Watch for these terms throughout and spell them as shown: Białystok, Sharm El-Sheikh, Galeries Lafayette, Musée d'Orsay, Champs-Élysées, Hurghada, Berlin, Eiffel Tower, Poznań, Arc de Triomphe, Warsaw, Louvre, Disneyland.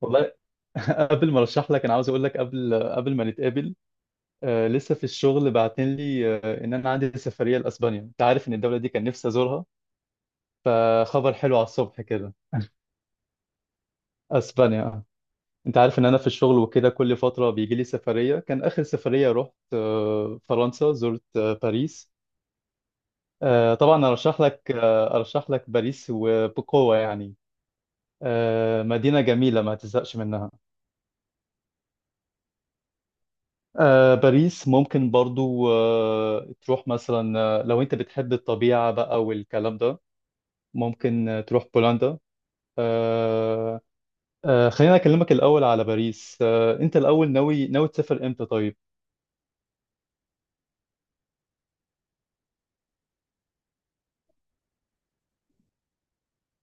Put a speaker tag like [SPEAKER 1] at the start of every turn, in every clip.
[SPEAKER 1] والله. قبل ما ارشح لك انا عاوز اقول لك قبل ما نتقابل، لسه في الشغل بعتين لي ان انا عندي سفريه لاسبانيا. انت عارف ان الدوله دي كان نفسي ازورها، فخبر حلو على الصبح كده. اسبانيا آه. انت عارف ان انا في الشغل وكده كل فتره بيجي لي سفريه. كان اخر سفريه رحت فرنسا، زرت باريس. طبعا ارشح لك باريس وبقوه يعني. مدينه جميله ما تزهقش منها. باريس ممكن برضو تروح مثلا، لو انت بتحب الطبيعة بقى والكلام ده ممكن، تروح بولندا. آه خلينا اكلمك الاول على باريس. انت الاول ناوي تسافر امتى طيب؟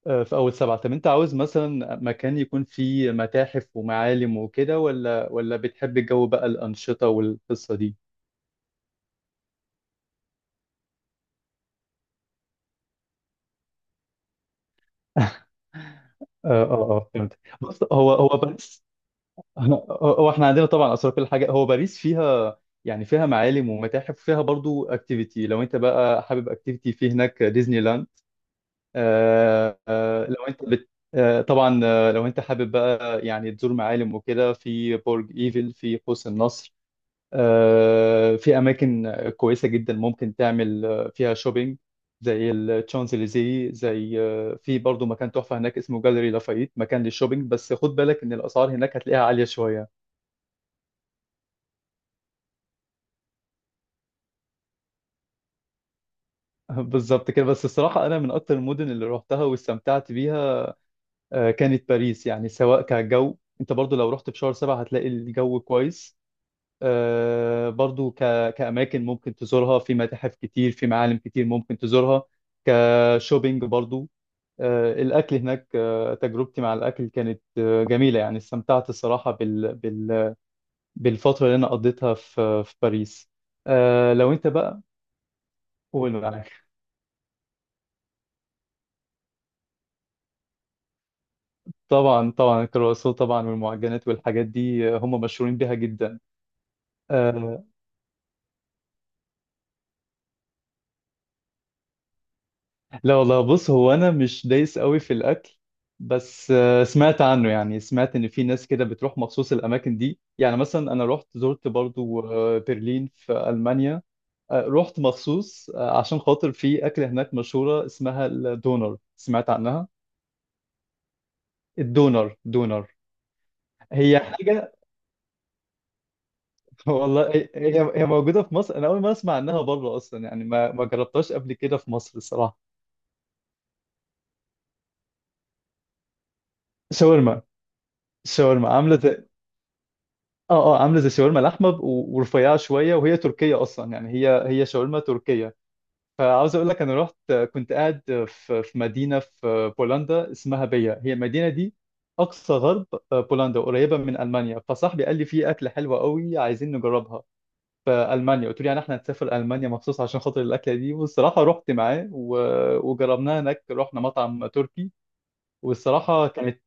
[SPEAKER 1] في اول سبعة. طب انت عاوز مثلا مكان يكون فيه متاحف ومعالم وكده، ولا بتحب الجو بقى الأنشطة والقصة دي؟ اه فهمت. بص، هو باريس، هو هو احنا عندنا طبعا اثار كل حاجه. هو باريس فيها يعني فيها معالم ومتاحف، وفيها برضو اكتيفيتي. لو انت بقى حابب اكتيفيتي، في هناك ديزني لاند. لو انت بت آه طبعا، لو انت حابب بقى يعني تزور معالم وكده، في برج ايفل، في قوس النصر. في اماكن كويسه جدا ممكن تعمل، فيها شوبينج، زي الشانزليزيه، زي، في برضو مكان تحفه هناك اسمه جاليري لافايت، مكان للشوبينج. بس خد بالك ان الاسعار هناك هتلاقيها عاليه شويه. بالظبط كده. بس الصراحة أنا من أكتر المدن اللي روحتها واستمتعت بيها، كانت باريس. يعني سواء كجو، أنت برضو لو رحت في شهر سبعة هتلاقي الجو كويس، برضو كأماكن ممكن تزورها، في متاحف كتير، في معالم كتير ممكن تزورها، كشوبينج برضو. الأكل هناك، تجربتي مع الأكل كانت، جميلة. يعني استمتعت الصراحة بالفترة اللي أنا قضيتها في باريس. لو أنت بقى قول معاك. طبعا طبعا الكرواسون، طبعا والمعجنات والحاجات دي، هم مشهورين بيها جدا. آه، لا والله. بص، هو انا مش دايس قوي في الاكل، بس سمعت عنه، يعني سمعت ان في ناس كده بتروح مخصوص الاماكن دي. يعني مثلا انا رحت زرت برضو برلين في المانيا، رحت مخصوص عشان خاطر في اكله هناك مشهوره اسمها الدونر، سمعت عنها. الدونر، دونر. هي حاجه، والله هي موجودة في مصر. أنا أول ما أسمع عنها بره أصلا، يعني ما جربتهاش قبل كده في مصر الصراحة. شاورما. شاورما عاملة زي، عاملة زي شاورما لحمة ورفيعة شوية، وهي تركية أصلا يعني. هي شاورما تركية. فعاوز أقول لك أنا رحت، كنت قاعد في مدينة في بولندا اسمها بيا. هي المدينة دي أقصى غرب، بولندا قريبة من ألمانيا. فصاحبي قال لي في أكلة حلوة قوي عايزين نجربها في المانيا. قلت له يعني احنا هنسافر المانيا مخصوص عشان خاطر الاكله دي؟ والصراحه رحت معاه وجربناها هناك، رحنا مطعم تركي. والصراحه كانت…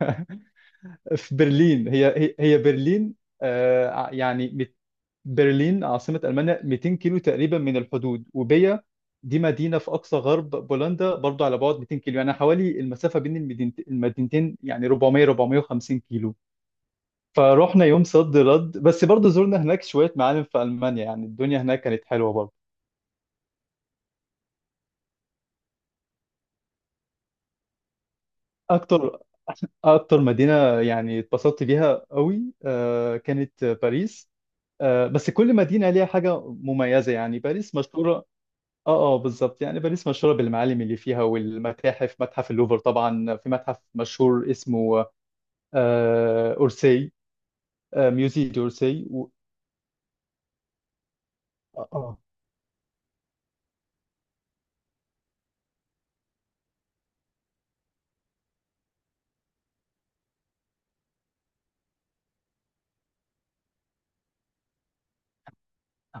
[SPEAKER 1] في برلين، هي برلين. آه ع- يعني مت- برلين عاصمه المانيا، 200 كيلو تقريبا من الحدود. وبيا دي مدينه في اقصى غرب بولندا برضو، على بعد 200 كيلو. يعني حوالي المسافه المدينتين يعني 400 450 كيلو. فروحنا يوم صد رد، بس برضو زرنا هناك شويه معالم في المانيا. يعني الدنيا هناك كانت حلوه برضو. اكتر، اكتر مدينه يعني اتبسطت بيها قوي، كانت باريس. بس كل مدينه ليها حاجه مميزه. يعني باريس مشهوره… اه بالظبط. يعني باريس مشهوره بالمعالم اللي فيها والمتاحف، متحف اللوفر طبعا، في متحف مشهور اسمه، اورسي، ميوزي دورسي.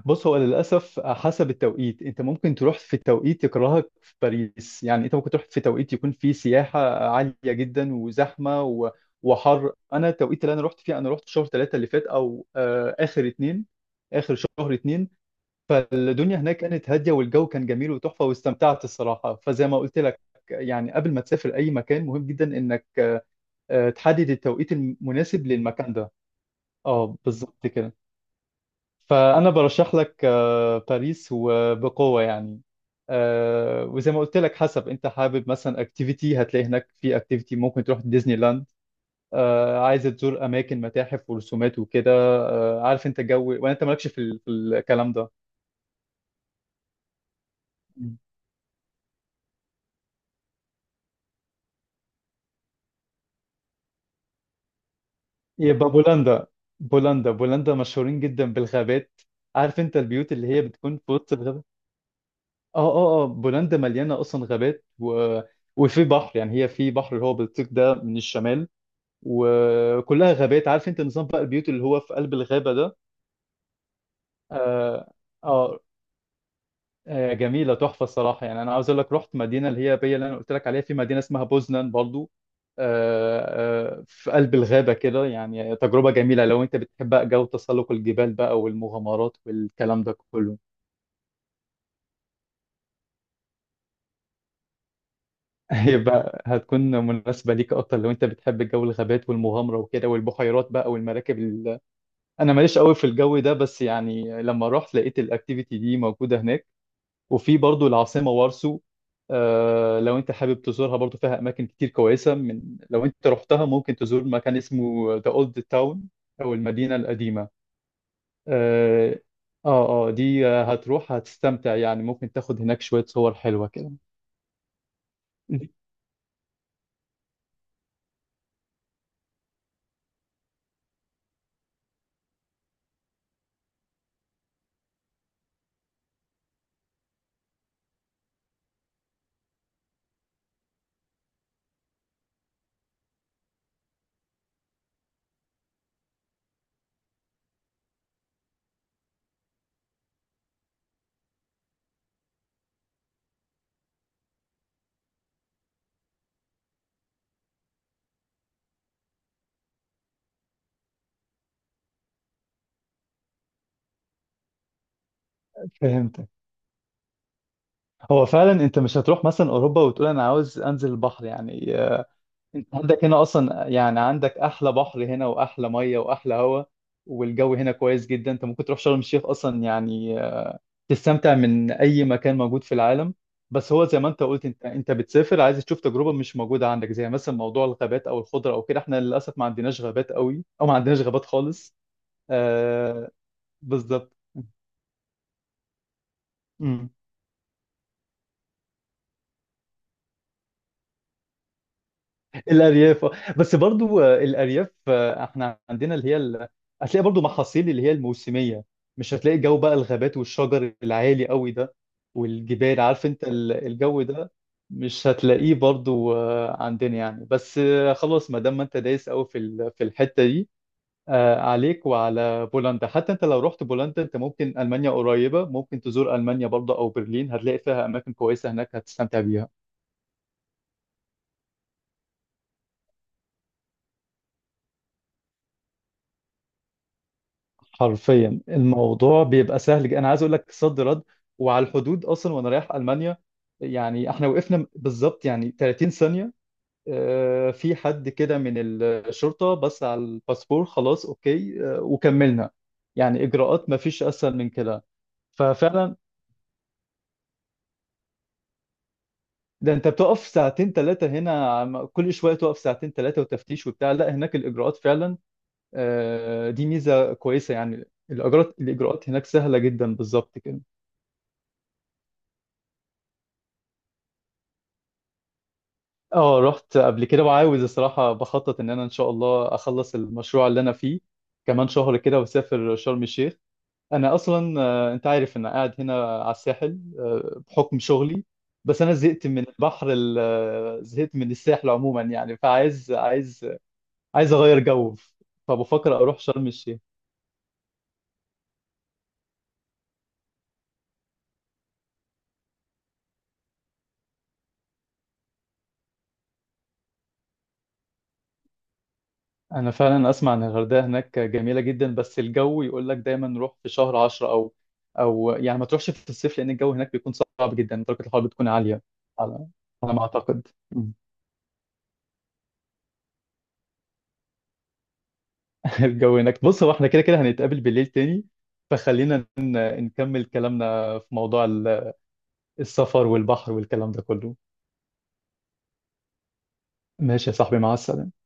[SPEAKER 1] بص، هو للأسف حسب التوقيت. أنت ممكن تروح في توقيت يكرهك في باريس. يعني أنت ممكن تروح في توقيت يكون فيه سياحة عالية جدا وزحمة وحر. أنا التوقيت اللي أنا رحت فيه، أنا رحت شهر ثلاثة اللي فات، أو آخر اتنين، آخر شهر اتنين. فالدنيا هناك كانت هادية والجو كان جميل وتحفة، واستمتعت الصراحة. فزي ما قلت لك، يعني قبل ما تسافر أي مكان مهم جدا إنك تحدد التوقيت المناسب للمكان ده. أه بالظبط كده. فأنا برشح لك، باريس وبقوة يعني. وزي ما قلت لك، حسب أنت حابب. مثلا اكتيفيتي هتلاقي هناك، في اكتيفيتي ممكن تروح ديزني لاند، عايز تزور أماكن، متاحف ورسومات وكده. عارف أنت جو، وأنت مالكش في في الكلام ده، يبقى بولندا. بولندا مشهورين جدا بالغابات. عارف انت البيوت اللي هي بتكون في وسط الغابة؟ اه بولندا مليانة اصلا غابات وفي بحر. يعني هي في بحر اللي هو بيطيق ده من الشمال، وكلها غابات. عارف انت نظام بقى البيوت اللي هو في قلب الغابة ده؟ اه، آه جميلة تحفة الصراحة. يعني أنا عاوز أقول لك رحت مدينة اللي هي بي، اللي أنا قلت لك عليها، في مدينة اسمها بوزنان برضو، في قلب الغابة كده. يعني تجربة جميلة لو أنت بتحب بقى جو تسلق الجبال بقى والمغامرات والكلام ده كله. هيبقى، هتكون مناسبة ليك أكتر لو أنت بتحب جو الغابات والمغامرة وكده، والبحيرات بقى والمراكب أنا ماليش قوي في الجو ده، بس يعني لما رحت لقيت الأكتيفيتي دي موجودة هناك. وفي برضو العاصمة وارسو، لو انت حابب تزورها برضو فيها اماكن كتير كويسة. من لو انت رحتها ممكن تزور مكان اسمه ذا اولد تاون، او المدينة القديمة. اه دي، هتروح هتستمتع. يعني ممكن تاخد هناك شوية صور حلوة كده. فهمتك. هو فعلا انت مش هتروح مثلا اوروبا وتقول انا عاوز انزل البحر، يعني، انت عندك هنا اصلا. يعني عندك احلى بحر هنا، واحلى مية، واحلى هواء، والجو هنا كويس جدا. انت ممكن تروح شرم الشيخ اصلا، يعني تستمتع من اي مكان موجود في العالم. بس هو زي ما انت قلت، انت بتسافر عايز تشوف تجربه مش موجوده عندك، زي مثلا موضوع الغابات او الخضره او كده. احنا للاسف ما عندناش غابات قوي، او ما عندناش غابات خالص. آه. بالظبط. الارياف آه. بس برضو، الارياف، احنا عندنا اللي هي هتلاقي برضو محاصيل اللي هي الموسميه. مش هتلاقي جو بقى الغابات والشجر العالي قوي ده، والجبال. عارف انت الجو ده مش هتلاقيه برضو، عندنا يعني. بس خلاص، ما دام ما انت دايس قوي في في الحته دي، عليك وعلى بولندا. حتى انت لو رحت بولندا، انت ممكن، المانيا قريبه، ممكن تزور المانيا برضو، او برلين هتلاقي فيها اماكن كويسه هناك هتستمتع بيها. حرفيا الموضوع بيبقى سهل. انا عايز اقول لك صد رد. وعلى الحدود اصلا وانا رايح المانيا، يعني احنا وقفنا بالظبط يعني 30 ثانيه. في حد كده من الشرطه بص على الباسبور، خلاص اوكي، وكملنا. يعني اجراءات ما فيش اسهل من كده. ففعلا، ده انت بتقف ساعتين ثلاثه هنا، كل شويه تقف ساعتين ثلاثه وتفتيش وبتاع. لا هناك الاجراءات فعلا، دي ميزه كويسه. يعني الاجراءات هناك سهله جدا، بالظبط كده. اه رحت قبل كده، وعاوز الصراحة بخطط ان انا ان شاء الله اخلص المشروع اللي انا فيه كمان شهر كده، واسافر شرم الشيخ. انا اصلا، انت عارف انا قاعد هنا على الساحل، بحكم شغلي. بس انا زهقت من البحر زهقت من الساحل عموما يعني. فعايز، عايز، عايز اغير جو. فبفكر اروح شرم الشيخ. انا فعلا اسمع ان الغردقه هناك جميله جدا، بس الجو يقول لك دايما روح في شهر 10، او او يعني ما تروحش في الصيف، لان الجو هناك بيكون صعب جدا، درجه الحراره بتكون عاليه. على، على ما اعتقد. الجو هناك… بص هو احنا كده كده هنتقابل بالليل تاني، فخلينا نكمل كلامنا في موضوع السفر والبحر والكلام ده كله. ماشي يا صاحبي، مع السلامه.